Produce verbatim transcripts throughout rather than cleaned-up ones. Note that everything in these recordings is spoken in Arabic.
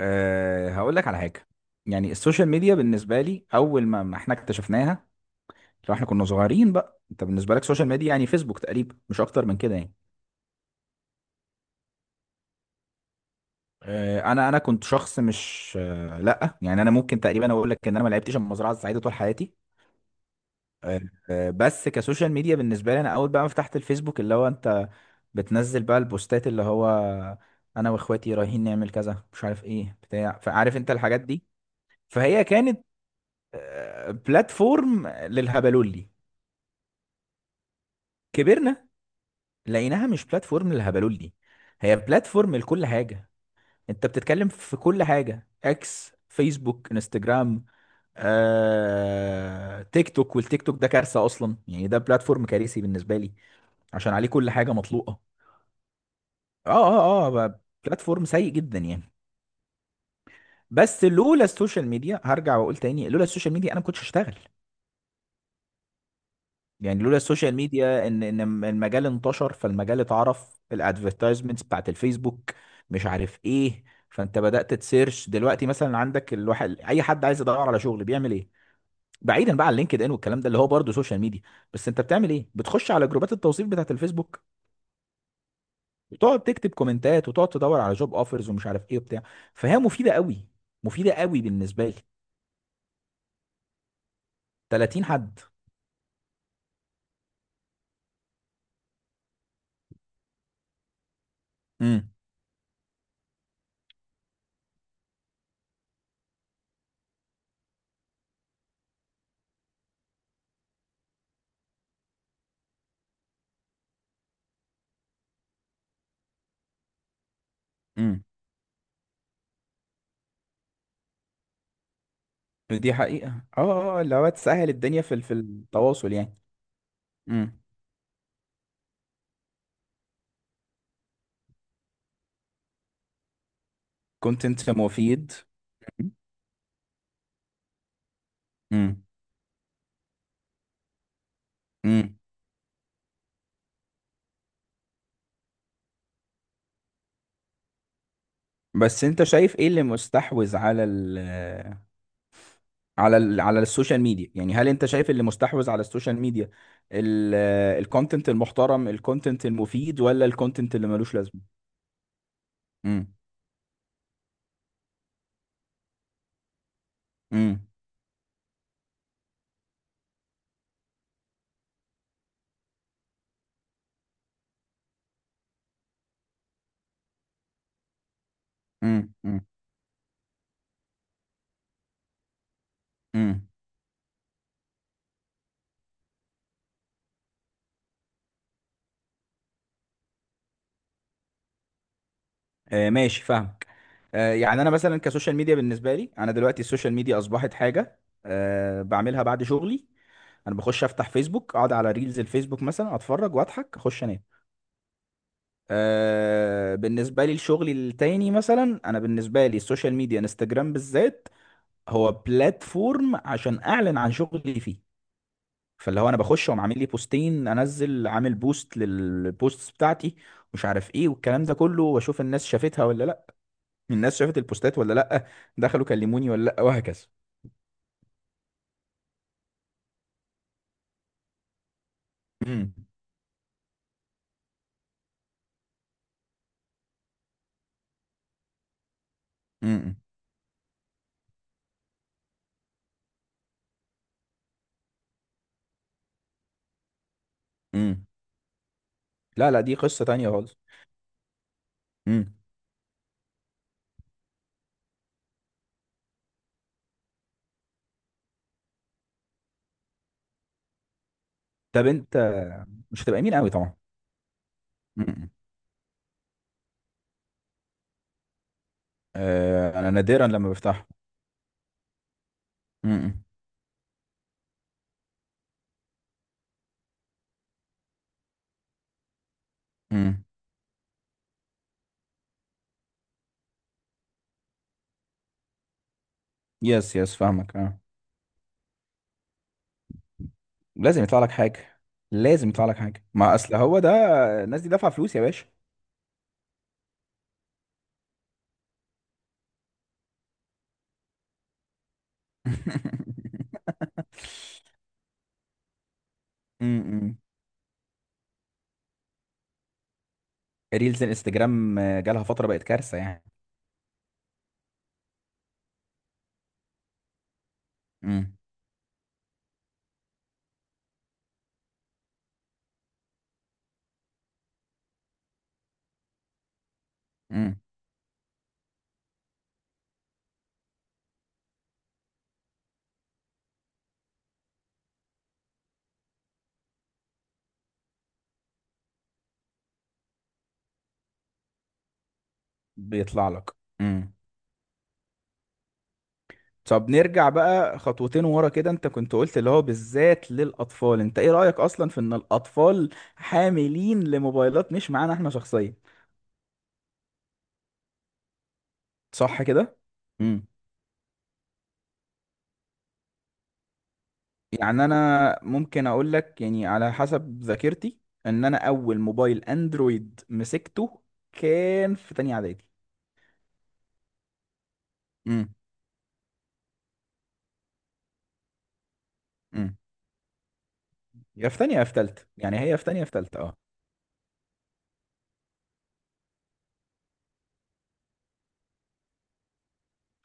أه هقول لك على حاجة. يعني السوشيال ميديا بالنسبة لي، أول ما ما احنا اكتشفناها، لو احنا كنا صغيرين، بقى انت بالنسبة لك سوشيال ميديا يعني فيسبوك، تقريبا مش أكتر من كده يعني. أه أنا أنا كنت شخص مش، أه لأ، يعني أنا ممكن تقريبا أقول لك إن أنا ما لعبتش المزرعة السعيدة طول حياتي أه آه، بس كسوشيال ميديا بالنسبة لي، أنا أول بقى ما فتحت الفيسبوك، اللي هو أنت بتنزل بقى البوستات، اللي هو أنا وإخواتي رايحين نعمل كذا مش عارف إيه بتاع، فعارف أنت الحاجات دي، فهي كانت آه، بلاتفورم للهبلولي. كبرنا لقيناها مش بلاتفورم للهبلولي، هي بلاتفورم لكل حاجة. انت بتتكلم في كل حاجة، اكس، فيسبوك، انستجرام، آه، تيك توك. والتيك توك ده كارثة اصلا يعني، ده بلاتفورم كارثي بالنسبة لي عشان عليه كل حاجة مطلوقة. اه، اه، اه، ب- بلاتفورم سيء جدا يعني. بس لولا السوشيال ميديا، هرجع واقول تاني، لولا السوشيال ميديا انا ما كنتش هشتغل. يعني لولا السوشيال ميديا ان ان المجال انتشر، فالمجال اتعرف، الادفرتايزمنتس بتاعت الفيسبوك مش عارف ايه. فانت بدأت تسيرش دلوقتي مثلا، عندك الواحد اي حد عايز يدور على شغل بيعمل ايه؟ بعيدا بقى عن لينكد ان والكلام ده اللي هو برضه سوشيال ميديا. بس انت بتعمل ايه؟ بتخش على جروبات التوظيف بتاعت الفيسبوك، وتقعد تكتب كومنتات وتقعد تدور على جوب اوفرز ومش عارف ايه وبتاع. فهي مفيدة قوي، مفيدة قوي بالنسبة لي. تلاتين حد. امم، امم. دي حقيقة، اه، اه، اللي هو تسهل الدنيا في في التواصل يعني. مم. كنت انت مفيد. امم، امم. بس انت شايف ايه اللي مستحوذ على ال على ال على السوشيال ميديا؟ يعني هل انت شايف اللي مستحوذ على السوشيال ميديا الكونتنت المحترم، الكونتنت المفيد، ولا الكونتنت اللي ملوش لازمه؟ امم، امم، امم، امم، امم. آه، ماشي فاهمك. آه يعني انا مثلا كسوشيال ميديا بالنسبه لي، انا دلوقتي السوشيال ميديا اصبحت حاجه آه بعملها بعد شغلي. انا بخش افتح فيسبوك، اقعد على ريلز الفيسبوك مثلا اتفرج واضحك اخش انام. آه بالنسبة لي الشغل التاني، مثلا أنا بالنسبة لي السوشيال ميديا انستجرام بالذات هو بلاتفورم عشان أعلن عن شغلي فيه. فاللي هو أنا بخش وأقوم عامل لي بوستين، أنزل عامل بوست للبوستس بتاعتي مش عارف إيه والكلام ده كله، وأشوف الناس شافتها ولا لأ. الناس شافت البوستات ولا لأ؟ دخلوا كلموني ولا لأ؟ وهكذا. امم، امم، امم. لا، لا، دي قصة تانية خالص. امم. طب أنت، مش هتبقى يمين قوي طبعا. امم. آه، أنا نادرا لما بفتحه. امم. يس، يس، فاهمك، اه. لازم يطلع لك حاجه، لازم يطلع لك حاجه، ما اصل هو ده. الناس دي دافعه فلوس يا باشا. امم. ريلز الانستجرام، آه، جالها فتره بقت كارثه يعني. امم، امم. بيطلع لك. امم. طب نرجع بقى خطوتين ورا كده. انت كنت قلت اللي هو بالذات للاطفال، انت ايه رايك اصلا في ان الاطفال حاملين لموبايلات، مش معانا احنا شخصيا؟ صح كده؟ يعني انا ممكن اقول لك، يعني على حسب ذاكرتي، ان انا اول موبايل اندرويد مسكته كان في تانية اعدادي. امم، امم. يا في تانية يا في تالتة، يعني هي في تانية يا في تالتة اه.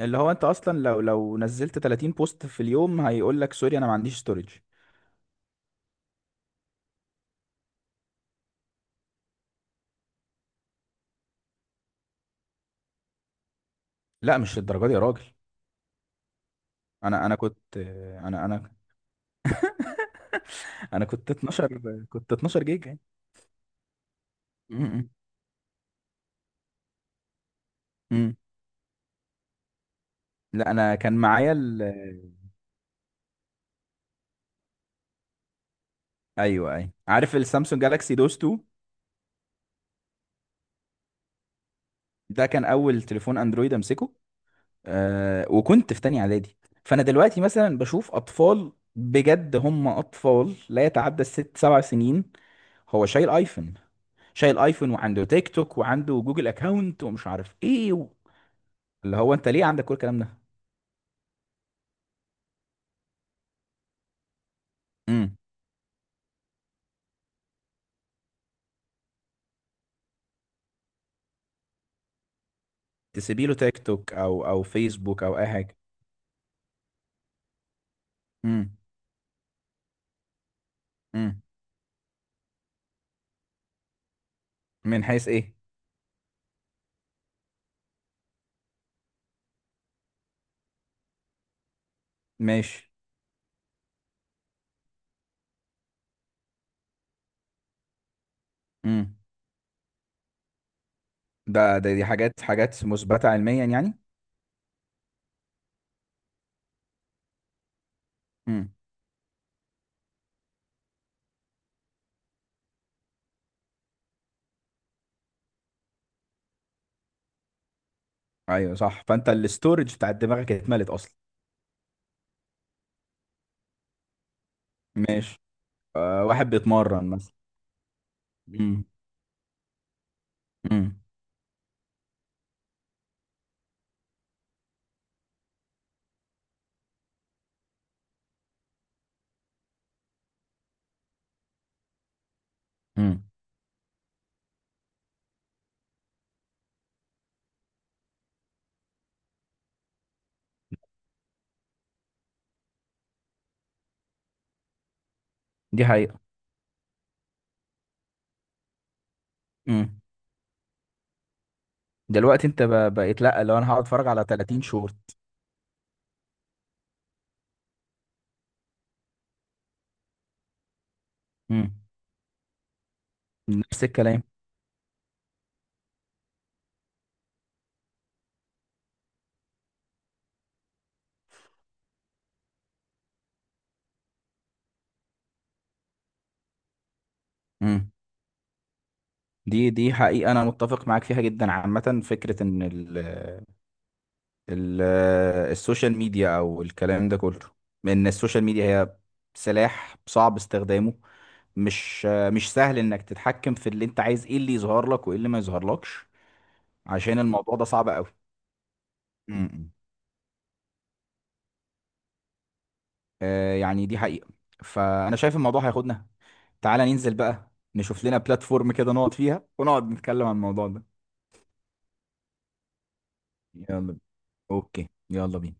اللي هو انت اصلا لو لو نزلت تلاتين بوست في اليوم، هيقول لك سوري انا ما عنديش ستورج. لا، مش للدرجه دي يا راجل. انا انا كنت، انا انا انا كنت اتناشر، كنت اتناشر جيجا يعني. امم، امم. لا، انا كان معايا ال... ايوه، اي، أيوة. عارف السامسونج جالاكسي دوس تو؟ ده كان اول تليفون اندرويد امسكه. آه وكنت في تانية اعدادي. فانا دلوقتي مثلا بشوف اطفال، بجد هم اطفال لا يتعدى الست سبع سنين، هو شايل ايفون. شايل ايفون وعنده تيك توك وعنده جوجل اكاونت ومش عارف ايه و... اللي هو انت ليه عندك كل الكلام ده؟ امم. تسيبي له تيك توك او او فيسبوك او اي حاجه. امم، امم. من حيث ايه؟ ماشي. امم. ده ده دي حاجات حاجات مثبته علميا يعني. امم. ايوه صح، فانت الاستورج بتاع دماغك اتملت اصلا. ماشي. آه، واحد بيتمرن مثلا. امم، امم، امم. دي حقيقة. امم. دلوقتي انت ب- بقيت، لا، لو انا هقعد اتفرج على تلاتين شورت. امم. نفس الكلام. امم. دي دي حقيقة، انا متفق معاك فيها جدا. عامة فكرة ان ال ال السوشيال ميديا او الكلام ده كله، ان السوشيال ميديا هي سلاح صعب استخدامه. مش مش سهل انك تتحكم في اللي انت عايز ايه اللي يظهر لك وايه اللي ما يظهرلكش، عشان الموضوع ده صعب قوي. آه، يعني دي حقيقة. فأنا شايف الموضوع هياخدنا، تعالى ننزل بقى نشوف لنا بلاتفورم كده نقعد فيها ونقعد نتكلم عن الموضوع ده. يلا بينا. اوكي يلا بينا